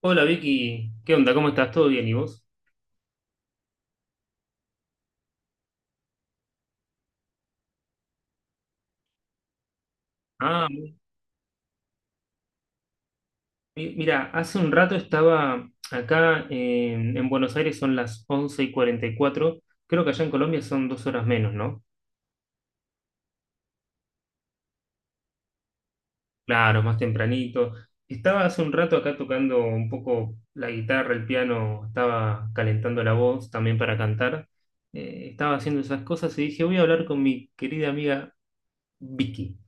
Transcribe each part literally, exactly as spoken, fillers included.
Hola Vicky, ¿qué onda? ¿Cómo estás? ¿Todo bien? ¿Y vos? Ah, mi- mira, hace un rato estaba acá eh, en Buenos Aires, son las once y cuarenta y cuatro. Creo que allá en Colombia son dos horas menos, ¿no? Claro, más tempranito. Estaba hace un rato acá tocando un poco la guitarra, el piano, estaba calentando la voz también para cantar. Eh, estaba haciendo esas cosas y dije, voy a hablar con mi querida amiga Vicky.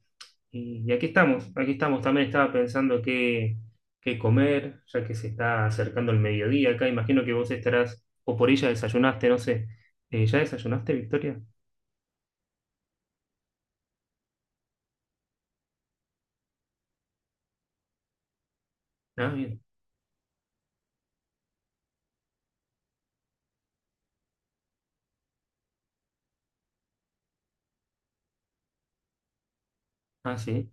Y, y aquí estamos, aquí estamos. También estaba pensando qué, qué comer, ya que se está acercando el mediodía acá. Imagino que vos estarás, o por ella desayunaste, no sé. Eh, ¿ya desayunaste, Victoria? Ah, bien. Ah, sí.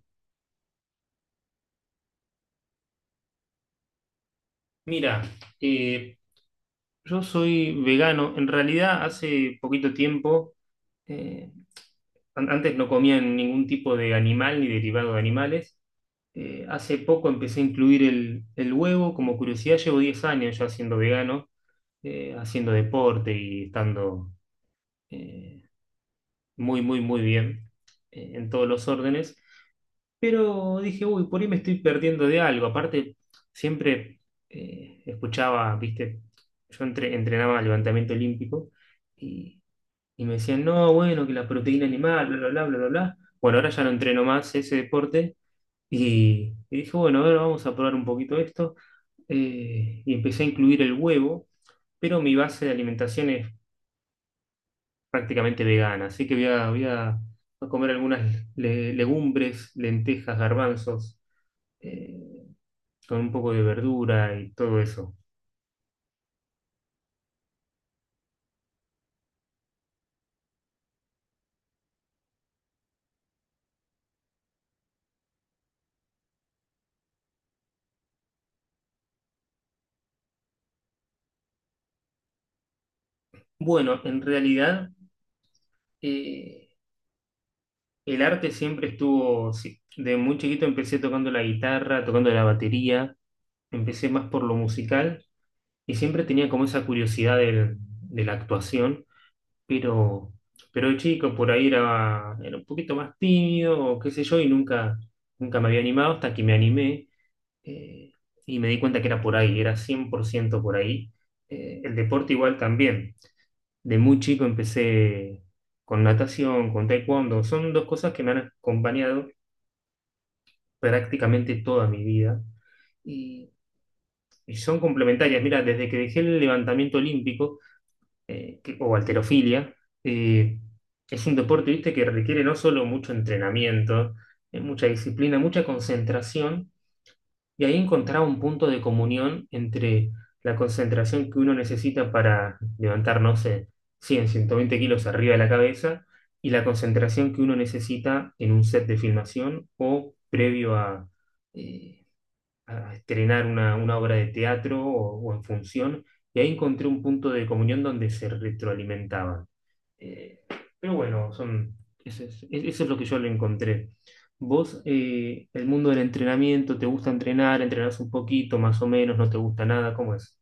Mira, eh, yo soy vegano. En realidad, hace poquito tiempo, eh, an- antes no comía ningún tipo de animal ni derivado de animales. Eh, hace poco empecé a incluir el, el huevo. Como curiosidad, llevo diez años ya siendo vegano. eh, haciendo deporte y estando eh, muy, muy, muy bien eh, en todos los órdenes. Pero dije, uy, por ahí me estoy perdiendo de algo. Aparte, siempre eh, escuchaba, viste, yo entre- entrenaba levantamiento olímpico y, y me decían, no, bueno, que la proteína animal, bla, bla, bla, bla, bla, bla. Bueno, ahora ya no entreno más ese deporte y, y dije, bueno, a ver, vamos a probar un poquito esto. Eh, y empecé a incluir el huevo, pero mi base de alimentación es prácticamente vegana, así que voy a, voy a, voy a comer algunas le- legumbres, lentejas, garbanzos, eh, con un poco de verdura y todo eso. Bueno, en realidad eh, el arte siempre estuvo, sí, de muy chiquito empecé tocando la guitarra, tocando la batería, empecé más por lo musical y siempre tenía como esa curiosidad del- de la actuación. pero, pero de chico por ahí era, era un poquito más tímido, o qué sé yo, y nunca, nunca me había animado hasta que me animé, eh, y me di cuenta que era por ahí, era cien por ciento por ahí. Eh, el deporte igual también. De muy chico empecé con natación, con taekwondo, son dos cosas que me han acompañado prácticamente toda mi vida y, y son complementarias. Mira, desde que dejé el levantamiento olímpico, eh, que- o halterofilia, eh, es un deporte, viste, que requiere no solo mucho entrenamiento, eh, mucha disciplina, mucha concentración, y ahí encontrar un punto de comunión entre la concentración que uno necesita para levantar, no sé, cien, ciento veinte kilos arriba de la cabeza, y la concentración que uno necesita en un set de filmación o previo a, eh, a estrenar una, una obra de teatro o, o en función, y ahí encontré un punto de comunión donde se retroalimentaban. Eh, pero bueno, son, eso, es, e-, eso es lo que yo le encontré. Vos, eh, el mundo del entrenamiento, ¿te gusta entrenar? ¿Entrenás un poquito, más o menos? ¿No te gusta nada? ¿Cómo es?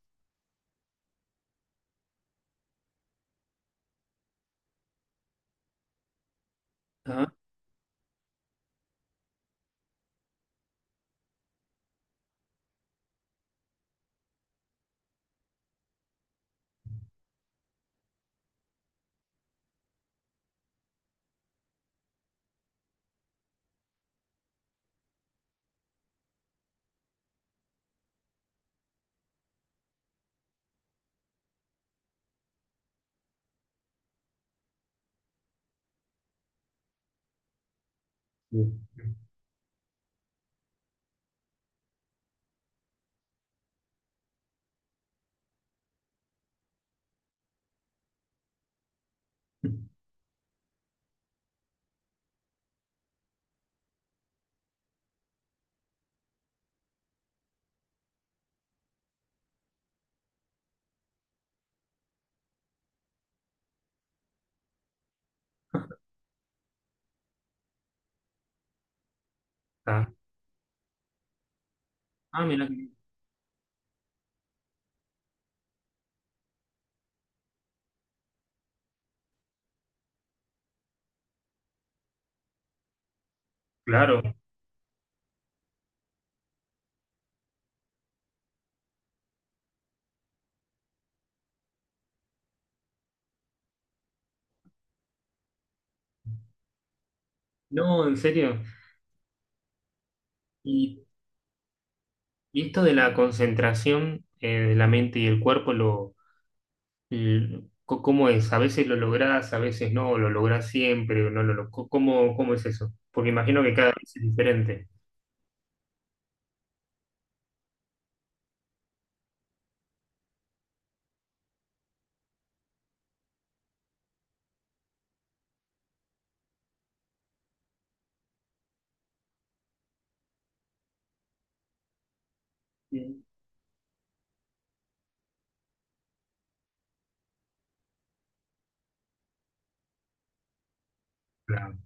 Ah, bien. Ah, ah, mirá, claro. No, en serio. ¿Y, y esto de la concentración eh, de la mente y el cuerpo lo, Eh, co- ¿Cómo es? ¿A veces lo lográs, a veces no? ¿Lo lográs siempre o no lo lográs? ¿Cómo, cómo es eso? Porque imagino que cada vez es diferente. Sí. Claro.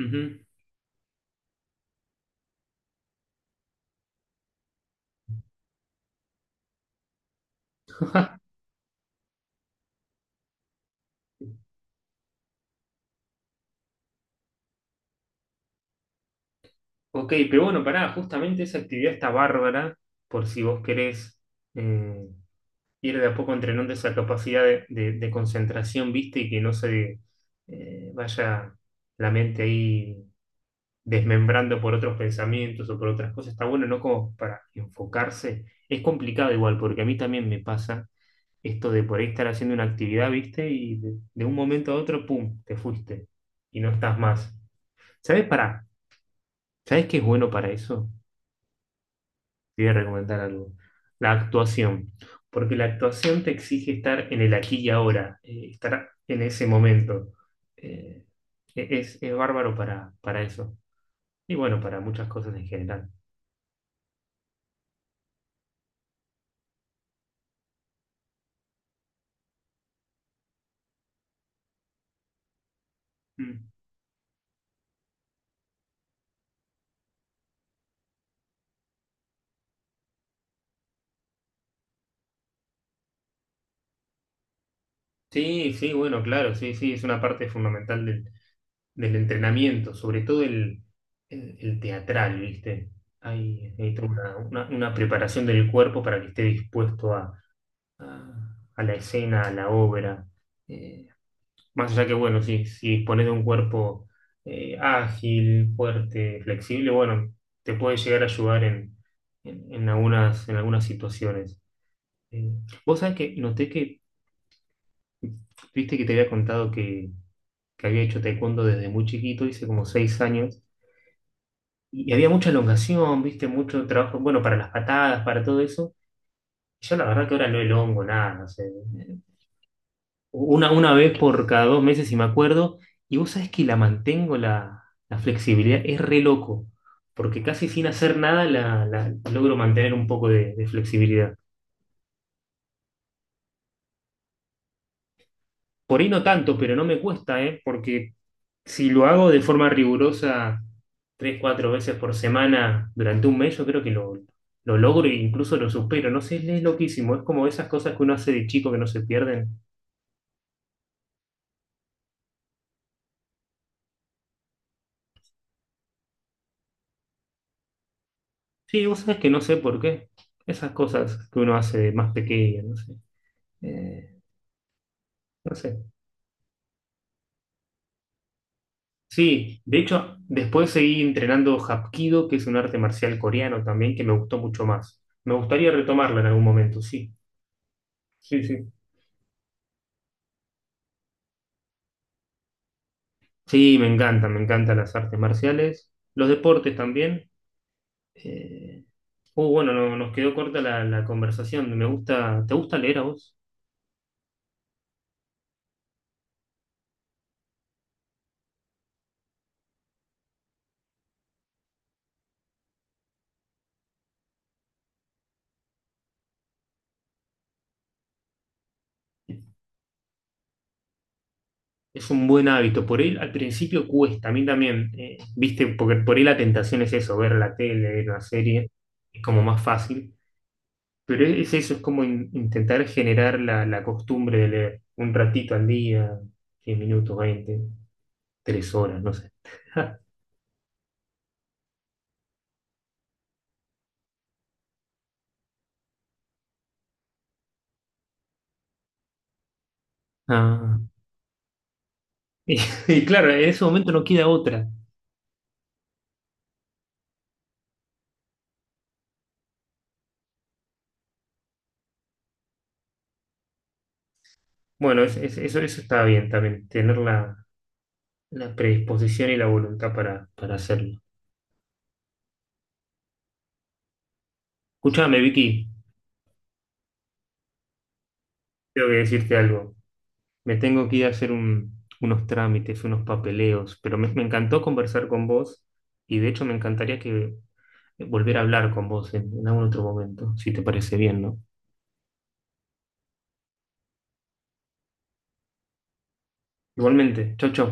Ujú. Ok, pero bueno, pará, justamente esa actividad está bárbara por si vos querés eh, ir de a poco entrenando esa capacidad de, de- de concentración, viste, y que no se eh, vaya la mente ahí desmembrando por otros pensamientos o por otras cosas. Está bueno, ¿no? Como para enfocarse. Es complicado igual, porque a mí también me pasa esto de por ahí estar haciendo una actividad, ¿viste? Y de, de un momento a otro, ¡pum!, te fuiste y no estás más. ¿Sabes para? ¿Sabes qué es bueno para eso? Te voy a recomendar algo. La actuación. Porque la actuación te exige estar en el aquí y ahora, eh, estar en ese momento. Eh, e-, es, es bárbaro para, para eso. Y bueno, para muchas cosas en general. Mm. Sí, sí, bueno, claro, sí, sí, es una parte fundamental del, del entrenamiento, sobre todo el, el- el teatral, ¿viste? Hay, hay toda una, una- una preparación del cuerpo para que esté dispuesto a, a- a la escena, a la obra. Eh, más allá que, bueno, si si dispones de un cuerpo eh, ágil, fuerte, flexible, bueno, te puede llegar a ayudar en, en- en algunas, en algunas situaciones. Eh, vos sabés que noté que, viste que te había contado que había hecho taekwondo desde muy chiquito, hice como seis años, y había mucha elongación, viste, mucho trabajo, bueno, para las patadas, para todo eso. Yo la verdad que ahora no elongo nada, no sé, eh, una, una vez por cada dos meses si me acuerdo, y vos sabés que la mantengo la, la flexibilidad, es re loco, porque casi sin hacer nada la, la- logro mantener un poco de, de flexibilidad. Por ahí no tanto, pero no me cuesta, ¿eh? Porque si lo hago de forma rigurosa tres, cuatro veces por semana durante un mes, yo creo que lo, lo logro e incluso lo supero. No sé, es loquísimo. Es como esas cosas que uno hace de chico que no se pierden. Sí, vos sabés que no sé por qué. Esas cosas que uno hace de más pequeño, no sé. Eh, no sé. Sí, de hecho, después seguí entrenando Hapkido, que es un arte marcial coreano también, que me gustó mucho más. Me gustaría retomarlo en algún momento, sí. Sí, sí. Sí, me encantan, me encantan las artes marciales, los deportes también. Eh, uh, bueno, no- nos quedó corta la, la conversación. Me gusta, ¿te gusta leer a vos? Es un buen hábito. Por él al principio cuesta, a mí también. eh, viste, porque por ahí la tentación es eso, ver la tele, ver una serie, es como más fácil. Pero es eso, es como in- intentar generar la, la costumbre de leer un ratito al día, diez minutos, veinte tres horas, no sé. Ah, y, y claro, en ese momento no queda otra. Bueno, es- es- eso, eso está bien también, tenerla La predisposición y la voluntad para, para hacerlo. Escúchame, Vicky, tengo que decirte algo. Me tengo que ir a hacer un- unos trámites, unos papeleos, pero me, me encantó conversar con vos y de hecho me encantaría que eh, volver a hablar con vos en, en algún otro momento, si te parece bien, ¿no? Igualmente, chau, chau.